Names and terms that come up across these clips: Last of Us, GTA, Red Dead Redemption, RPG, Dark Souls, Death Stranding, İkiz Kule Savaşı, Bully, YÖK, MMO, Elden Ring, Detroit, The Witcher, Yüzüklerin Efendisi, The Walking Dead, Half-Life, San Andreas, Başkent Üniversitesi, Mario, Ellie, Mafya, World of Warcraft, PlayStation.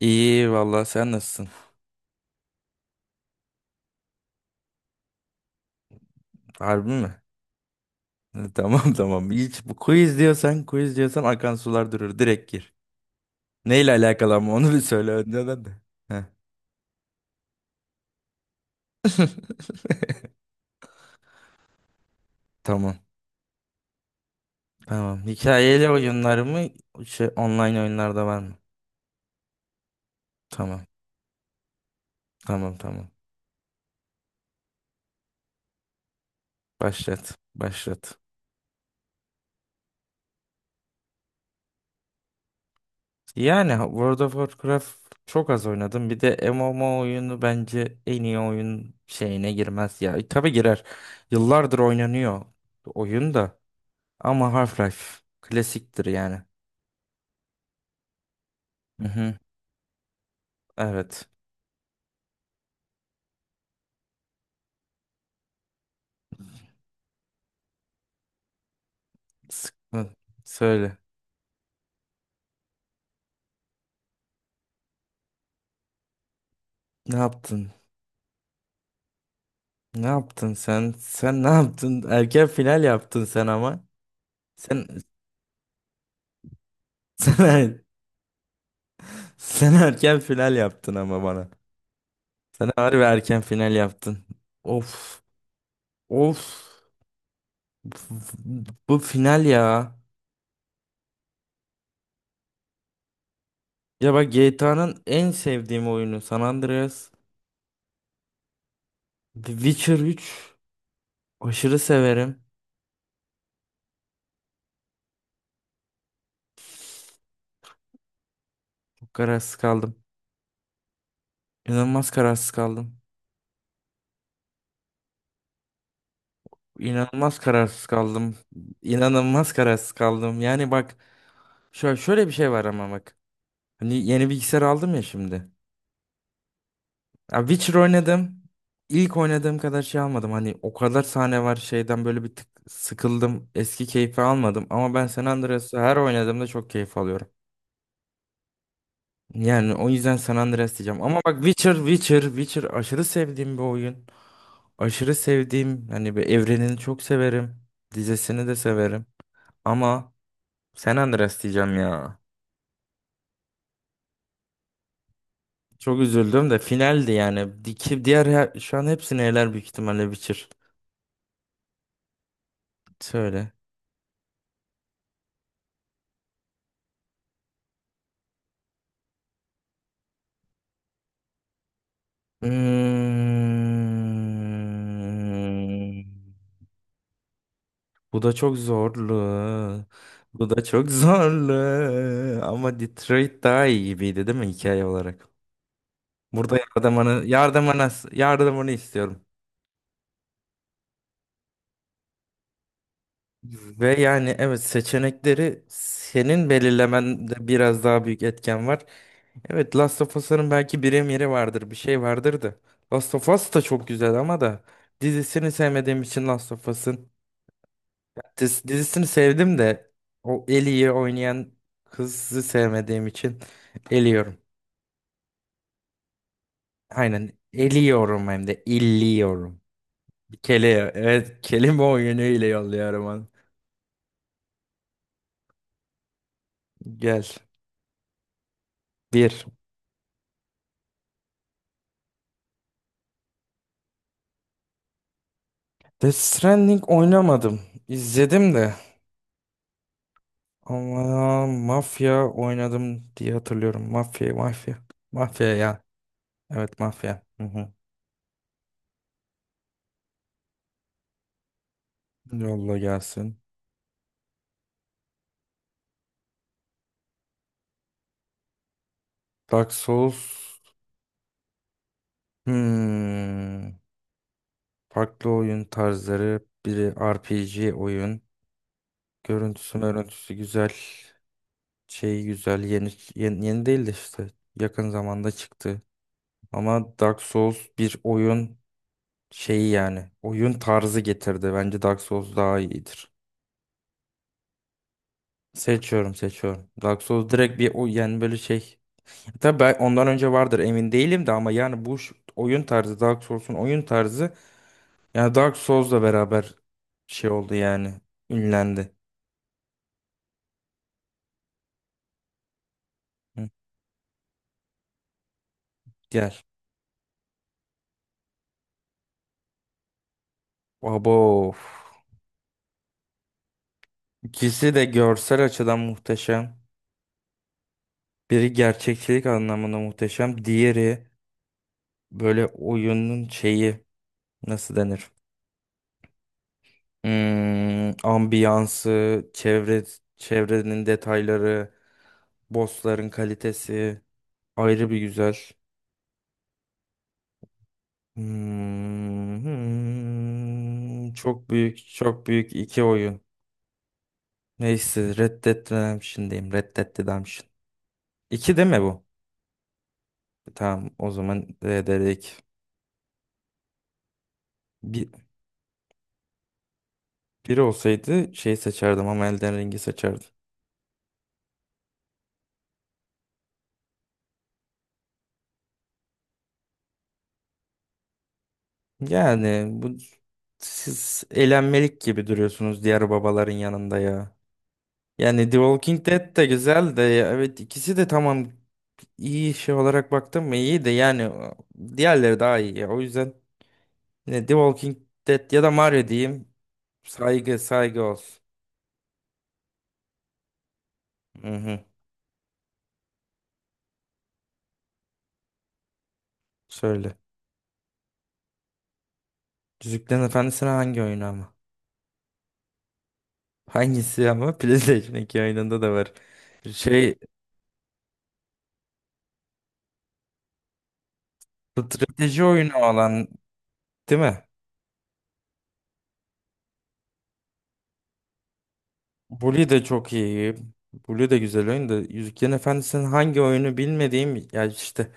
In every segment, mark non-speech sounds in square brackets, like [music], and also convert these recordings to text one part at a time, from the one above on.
İyi vallahi sen nasılsın? Harbi mi? [laughs] Ha, Tamam, tamam. Hiç bu quiz diyorsan, quiz diyorsan akan sular durur. Direkt gir. Neyle alakalı ama onu [laughs] bir söyle önceden de. Heh. [laughs] Tamam. Tamam. Hikayeli oyunlar mı? Online oyunlarda var mı? Tamam. Tamam, tamam. Başlat. Başlat. Yani World of Warcraft çok az oynadım. Bir de MMO oyunu bence en iyi oyun şeyine girmez ya. Tabii girer. Yıllardır oynanıyor oyun da. Ama Half-Life klasiktir yani. Mhm. Evet. Sıkı- Söyle. Ne yaptın? Ne yaptın sen? Sen ne yaptın? Erken final yaptın sen ama. Sen [laughs] sen, sen erken final yaptın ama bana. Sen harbi erken final yaptın. Of. Of. Bu final ya. Ya bak, GTA'nın en sevdiğim oyunu San Andreas. The Witcher 3 aşırı severim. Çok kararsız kaldım. İnanılmaz kararsız kaldım. İnanılmaz kararsız kaldım. İnanılmaz kararsız kaldım. Yani bak, şöyle bir şey var ama bak. Hani yeni bilgisayar aldım ya şimdi. Ya Witcher oynadım. İlk oynadığım kadar şey almadım. Hani o kadar sahne var şeyden böyle bir tık sıkıldım. Eski keyfi almadım. Ama ben San Andreas'ı her oynadığımda çok keyif alıyorum. Yani o yüzden San Andreas diyeceğim. Ama bak, Witcher aşırı sevdiğim bir oyun. Aşırı sevdiğim, hani bir evrenini çok severim, dizesini de severim. Ama San Andreas diyeceğim ya. Çok üzüldüm de finaldi yani. Şu an hepsini eler büyük ihtimalle Witcher. Söyle. Hmm. Bu da çok zorlu. Bu da çok [laughs] zorlu. Ama Detroit daha iyi gibiydi değil mi hikaye olarak? Burada yardımını istiyorum. Ve yani evet, seçenekleri senin belirlemende biraz daha büyük etken var. Evet, Last of Us'ın belki yeri vardır, bir şey vardır da. Last of Us da çok güzel ama da dizisini sevmediğim için, Last of Us'ın dizisini sevdim de o Ellie'yi oynayan kızı sevmediğim için eliyorum. Aynen eliyorum, hem de illiyorum. Evet, kelime oyunu ile yolluyorum onu. Gel. Bir. Death Stranding oynamadım. İzledim de. Ama mafya oynadım diye hatırlıyorum. Mafya. Mafya ya. Evet, mafya. Hı hı. Yolla gelsin. Dark Souls. Hmm. Farklı oyun tarzları. Biri RPG oyun. Görüntüsü güzel. Şey güzel. Yeni değil de işte. Yakın zamanda çıktı. Ama Dark Souls bir oyun şeyi yani. Oyun tarzı getirdi. Bence Dark Souls daha iyidir. Seçiyorum, seçiyorum. Dark Souls direkt bir o yani, böyle şey. Tabii ben ondan önce vardır emin değilim de ama yani oyun tarzı, Dark Souls'un oyun tarzı, yani Dark Souls'la beraber şey oldu yani, ünlendi. Hı, gel. Abo. İkisi de görsel açıdan muhteşem. Biri gerçekçilik anlamında muhteşem. Diğeri böyle oyunun şeyi, nasıl denir? Hmm, ambiyansı, çevre, çevrenin detayları. Bossların kalitesi ayrı bir güzel. Hmm, hmm. Çok büyük, çok büyük iki oyun. Neyse, Red Dead Redemption'dayım. Red Dead Redemption. İki değil mi bu? Tamam, o zaman RDR2. Bir, biri olsaydı şey seçerdim, ama Elden Ring'i seçerdim. Yani bu, siz elenmelik gibi duruyorsunuz diğer babaların yanında ya. Yani The Walking Dead de güzel de ya, evet, ikisi de tamam. İyi şey olarak baktım mı iyi de yani, diğerleri daha iyi ya. O yüzden ne The Walking Dead ya da Mario diyeyim. Saygı, saygı olsun. Hı hı. Söyle. Yüzüklerin Efendisi'ne hangi oyunu ama? Hangisi ama? [laughs] PlayStation 2 oyununda da var. Şey Strateji oyunu olan değil mi? Bully de çok iyi. Bully de güzel oyun da, Yüzüklerin Efendisi'nin hangi oyunu bilmediğim ya işte,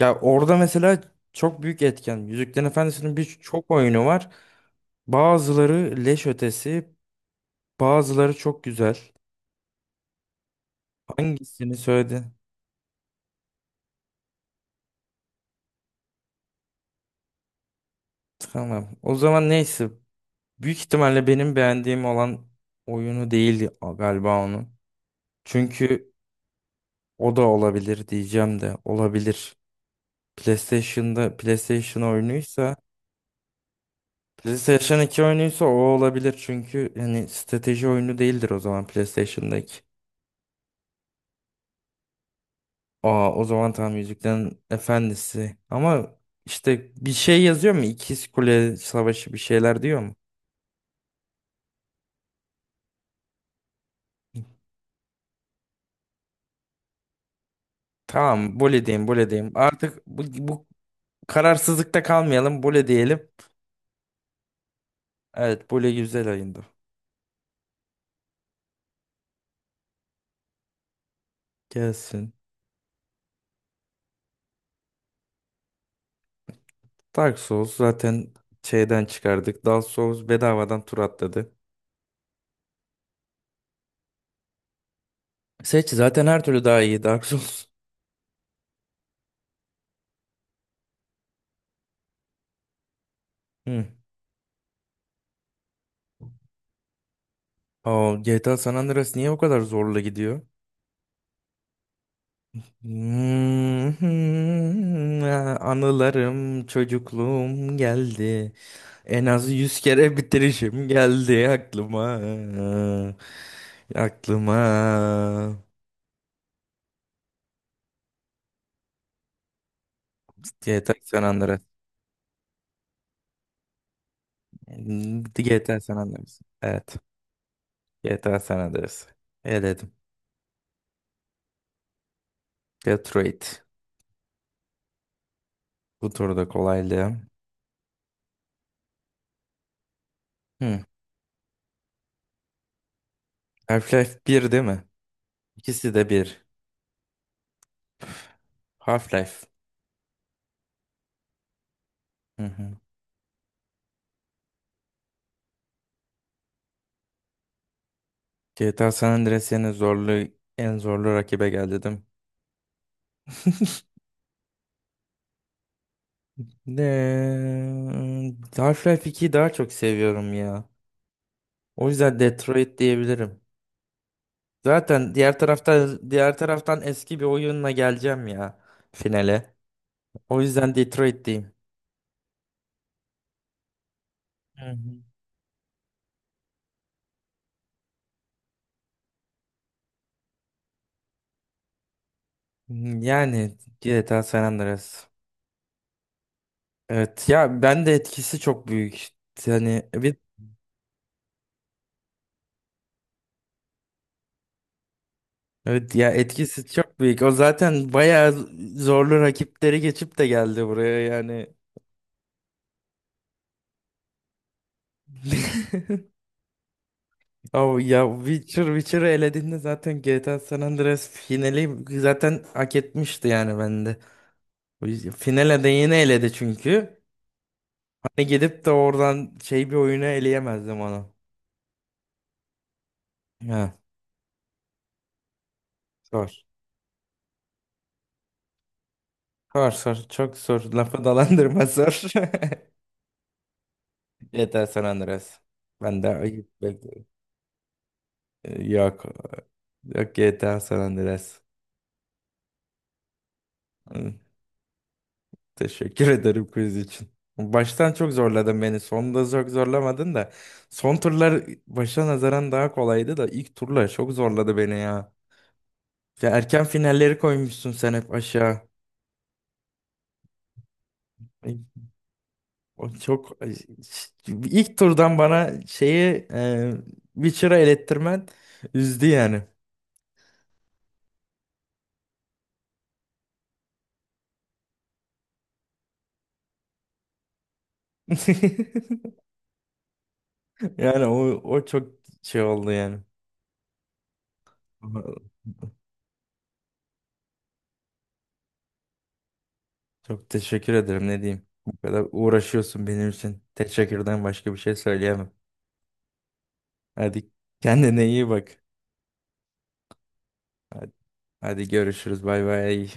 ya orada mesela çok büyük etken. Yüzüklerin Efendisi'nin birçok oyunu var. Bazıları leş ötesi, bazıları çok güzel. Hangisini söyledin? Tamam. O zaman neyse. Büyük ihtimalle benim beğendiğim olan oyunu değildi galiba onun. Çünkü o da olabilir diyeceğim, de olabilir. PlayStation'da, PlayStation oyunuysa, PlayStation iki oyunuysa o olabilir, çünkü yani strateji oyunu değildir o zaman PlayStation'daki. Aa, o zaman tam Yüzüklerin Efendisi. Ama işte bir şey yazıyor mu? İkiz Kule Savaşı bir şeyler diyor mu? Tamam, böyle diyeyim, böyle diyeyim. Artık bu kararsızlıkta kalmayalım, böyle diyelim. Evet, böyle güzel ayında. Gelsin. Dark Souls zaten şeyden çıkardık. Dark Souls bedavadan tur atladı. Seç, zaten her türlü daha iyi Dark Souls. Hı. Aa, GTA San Andreas niye o kadar zorla gidiyor? Hmm, [laughs] anılarım, çocukluğum geldi. En az 100 kere bitirişim geldi aklıma. Aklıma. GTA San Andreas. Hmm, GTA San Andreas. Evet. GTA San Andreas. Eledim. Detroit. Bu turda kolaylığı. Hmm. Half-Life bir değil mi? İkisi de bir. Half-Life. Hı hı. GTA San Andreas yine zorlu, en zorlu rakibe geldi değil mi? Ne? Half-Life 2'yi daha çok seviyorum ya. O yüzden Detroit diyebilirim. Zaten diğer taraftan eski bir oyunla geleceğim ya finale. O yüzden Detroit diyeyim. Hı hı. Yani GTA San Andreas. Evet ya, ben de etkisi çok büyük. Yani evet, evet ya, etkisi çok büyük. O zaten bayağı zorlu rakipleri geçip de geldi buraya yani. [laughs] Abi ya, Witcher'ı elediğinde zaten GTA San Andreas finali zaten hak etmişti yani bende. O yüzden- finale de yine eledi çünkü. Hani gidip de oradan şey bir oyunu eleyemezdim onu. Ha, sor sor sor, çok sor, lafı dalandırma zor. GTA [laughs] San Andreas. Ben de ayıp bekliyorum. Yok. Yok, GTA San Andreas. Hı. Teşekkür ederim quiz için. Baştan çok zorladın beni. Sonunda çok zorlamadın da. Son turlar başa nazaran daha kolaydı da ilk turlar çok zorladı beni ya. Ya erken finalleri koymuşsun sen hep aşağı. Ay, O çok ay, ş- ilk turdan bana Witcher'a elettirmen üzdü yani. [laughs] Yani o, o çok şey oldu yani. Ama Çok teşekkür ederim, ne diyeyim. Bu kadar uğraşıyorsun benim için. Teşekkürden başka bir şey söyleyemem. Hadi, kendine iyi bak. Hadi, hadi görüşürüz. Bay bay.